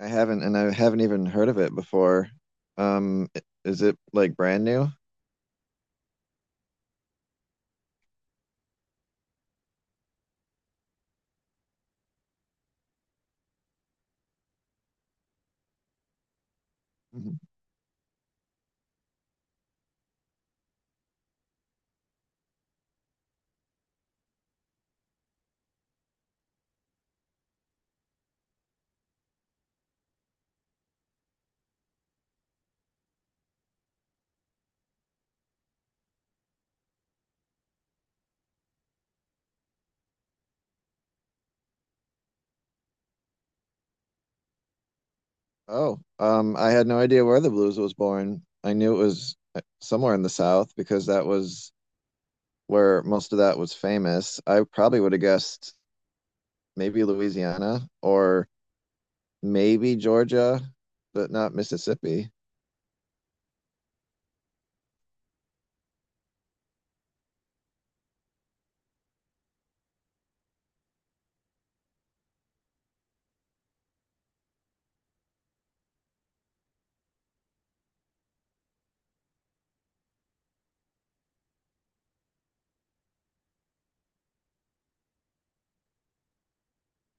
I haven't, and I haven't even heard of it before. Is it like brand new? Mhm. Oh, I had no idea where the blues was born. I knew it was somewhere in the South because that was where most of that was famous. I probably would have guessed maybe Louisiana or maybe Georgia, but not Mississippi.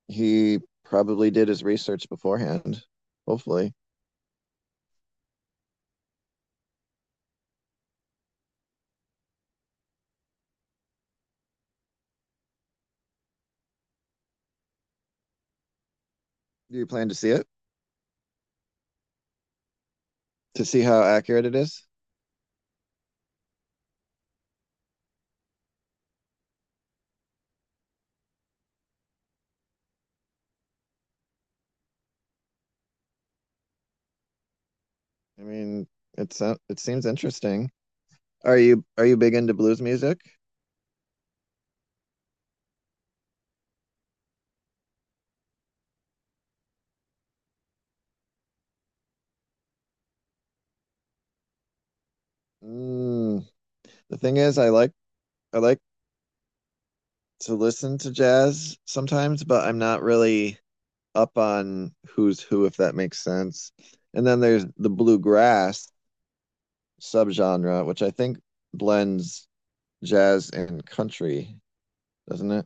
He probably did his research beforehand, hopefully. Do you plan to see it? To see how accurate it is? I mean, it seems interesting. Are you big into blues music? Mm. The thing is, I like to listen to jazz sometimes, but I'm not really up on who's who, if that makes sense. And then there's the bluegrass subgenre, which I think blends jazz and country, doesn't it?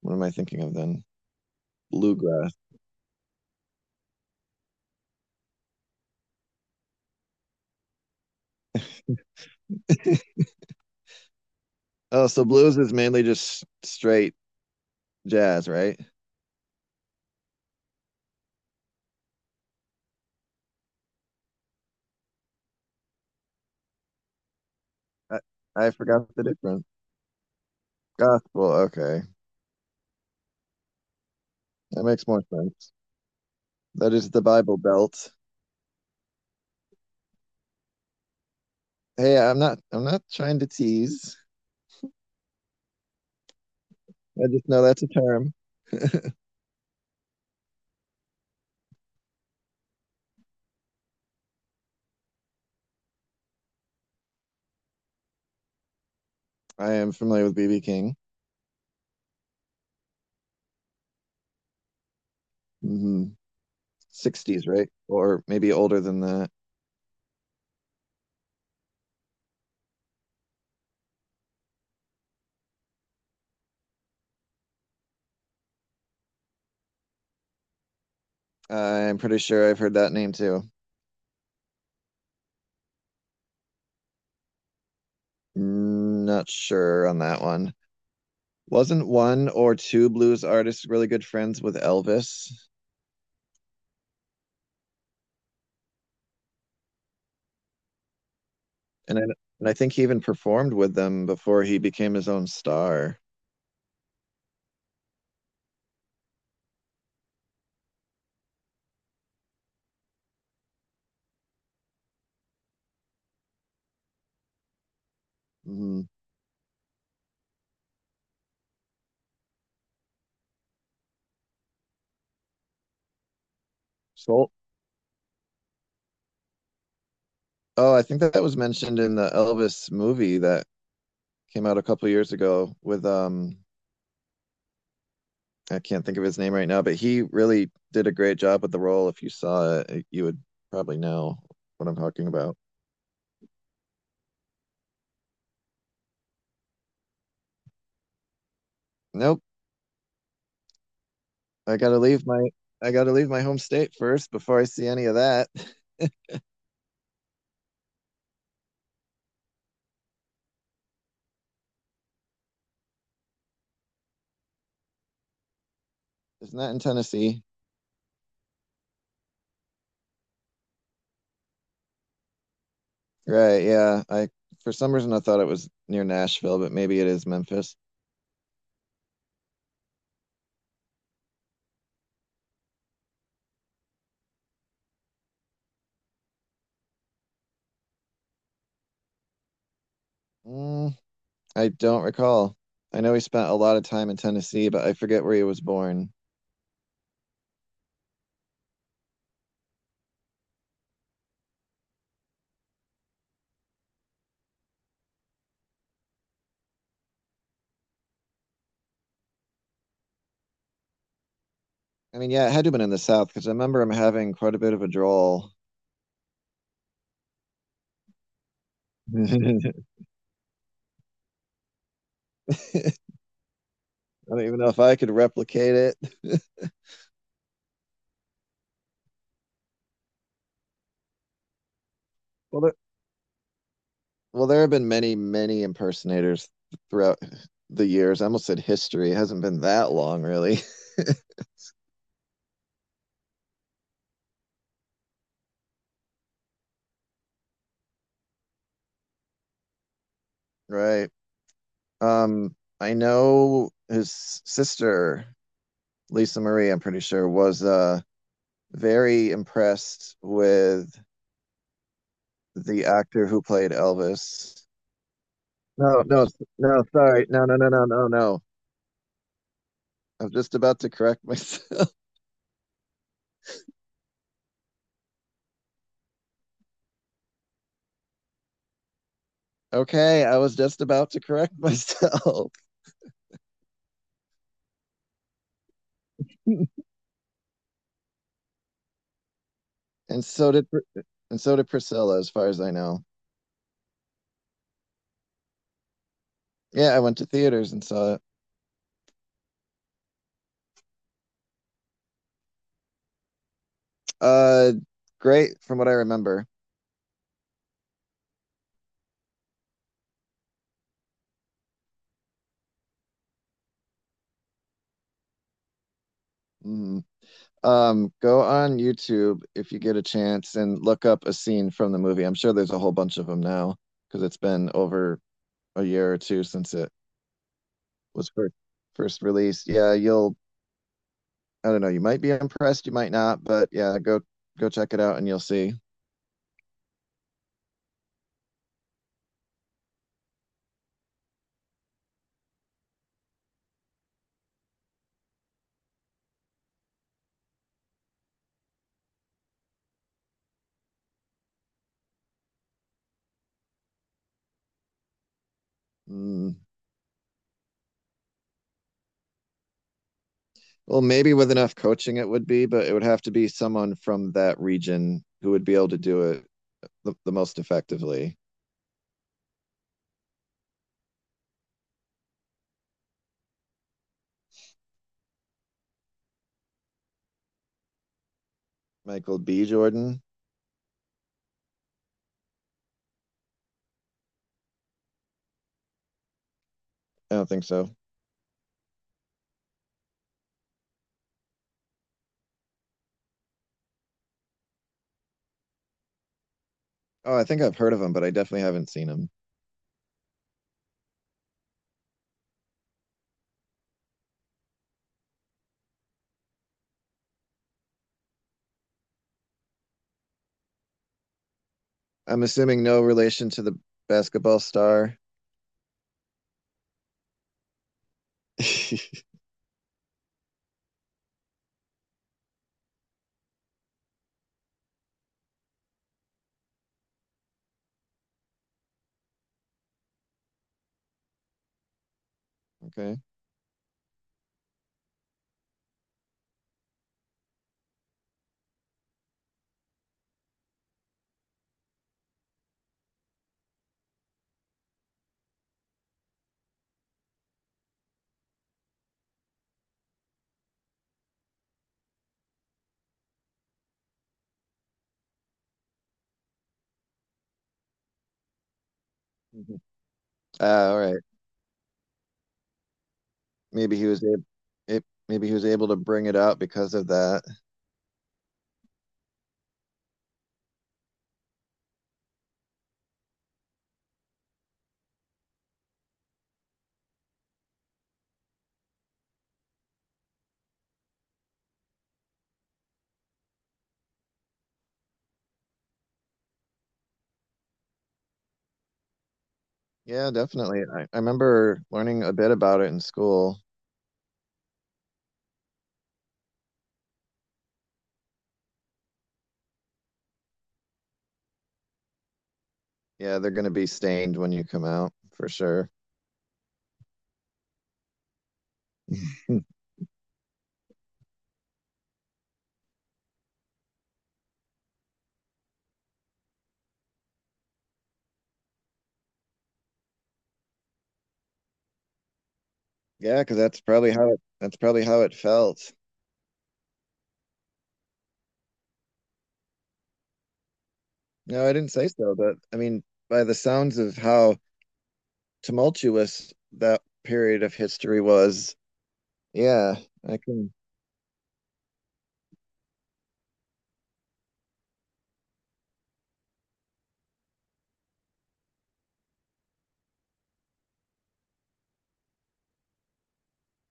What am I thinking of then? Bluegrass. Oh, so blues is mainly just straight jazz, right? I, I forgot the difference. Gospel, okay. That makes more sense. That is the Bible Belt. Hey, I'm not trying to tease. I just know that's a term. I am familiar with BB King. Hmm. 60s, right? Or maybe older than that. I'm pretty sure I've heard that name too. Mm, not sure on that one. Wasn't one or two blues artists really good friends with Elvis? And I, and I think he even performed with them before he became his own star. Hmm. Soul. Oh, I think that was mentioned in the Elvis movie that came out a couple of years ago with I can't think of his name right now, but he really did a great job with the role. If you saw it, you would probably know what I'm talking about. Nope, I gotta leave my I gotta leave my home state first before I see any of that. It's not in Tennessee, right? Yeah, I For some reason I thought it was near Nashville, but maybe it is Memphis. Mm, I don't recall. I know he spent a lot of time in Tennessee, but I forget where he was born. I mean, yeah, it had to have been in the South because I remember him having quite a bit of a drawl. I don't even know if I could replicate it. well, there, well, there have been many, many impersonators throughout the years. I almost said history. It hasn't been that long, really. Right. Um, I know his sister, Lisa Marie, I'm pretty sure, was very impressed with the actor who played Elvis. No, no, no, sorry. No, no, no, no, no, no. I'm just about to correct myself. Okay, I was just about to correct myself. and so did and so did Priscilla, as far as I know. Yeah, I went to theaters and saw it. Uh, Great from what I remember. Mhm. Go on YouTube if you get a chance and look up a scene from the movie. I'm sure there's a whole bunch of them now because it's been over a year or two since it was first released. Yeah, you'll I don't know, you might be impressed, you might not, but yeah, go check it out and you'll see. Mm. Well, maybe with enough coaching it would be, but it would have to be someone from that region who would be able to do it the most effectively. Michael B. Jordan? I don't think so. Oh, I think I've heard of him, but I definitely haven't seen him. I'm assuming no relation to the basketball star. Okay. Mm-hmm. Uh, all right. Maybe he was able. Maybe he was able to bring it out because of that. Yeah, definitely. I remember learning a bit about it in school. Yeah, they're going to be stained when you come out for sure. Yeah, because that's probably how it felt. No, I didn't say so, but I mean, by the sounds of how tumultuous that period of history was, yeah, I can.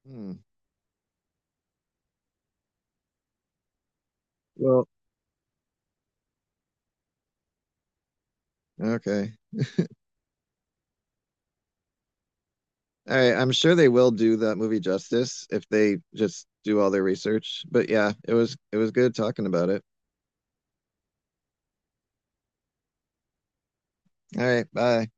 Hmm. Well, okay. All right, I'm sure they will do that movie justice if they just do all their research. But yeah, it was good talking about it. All right, bye.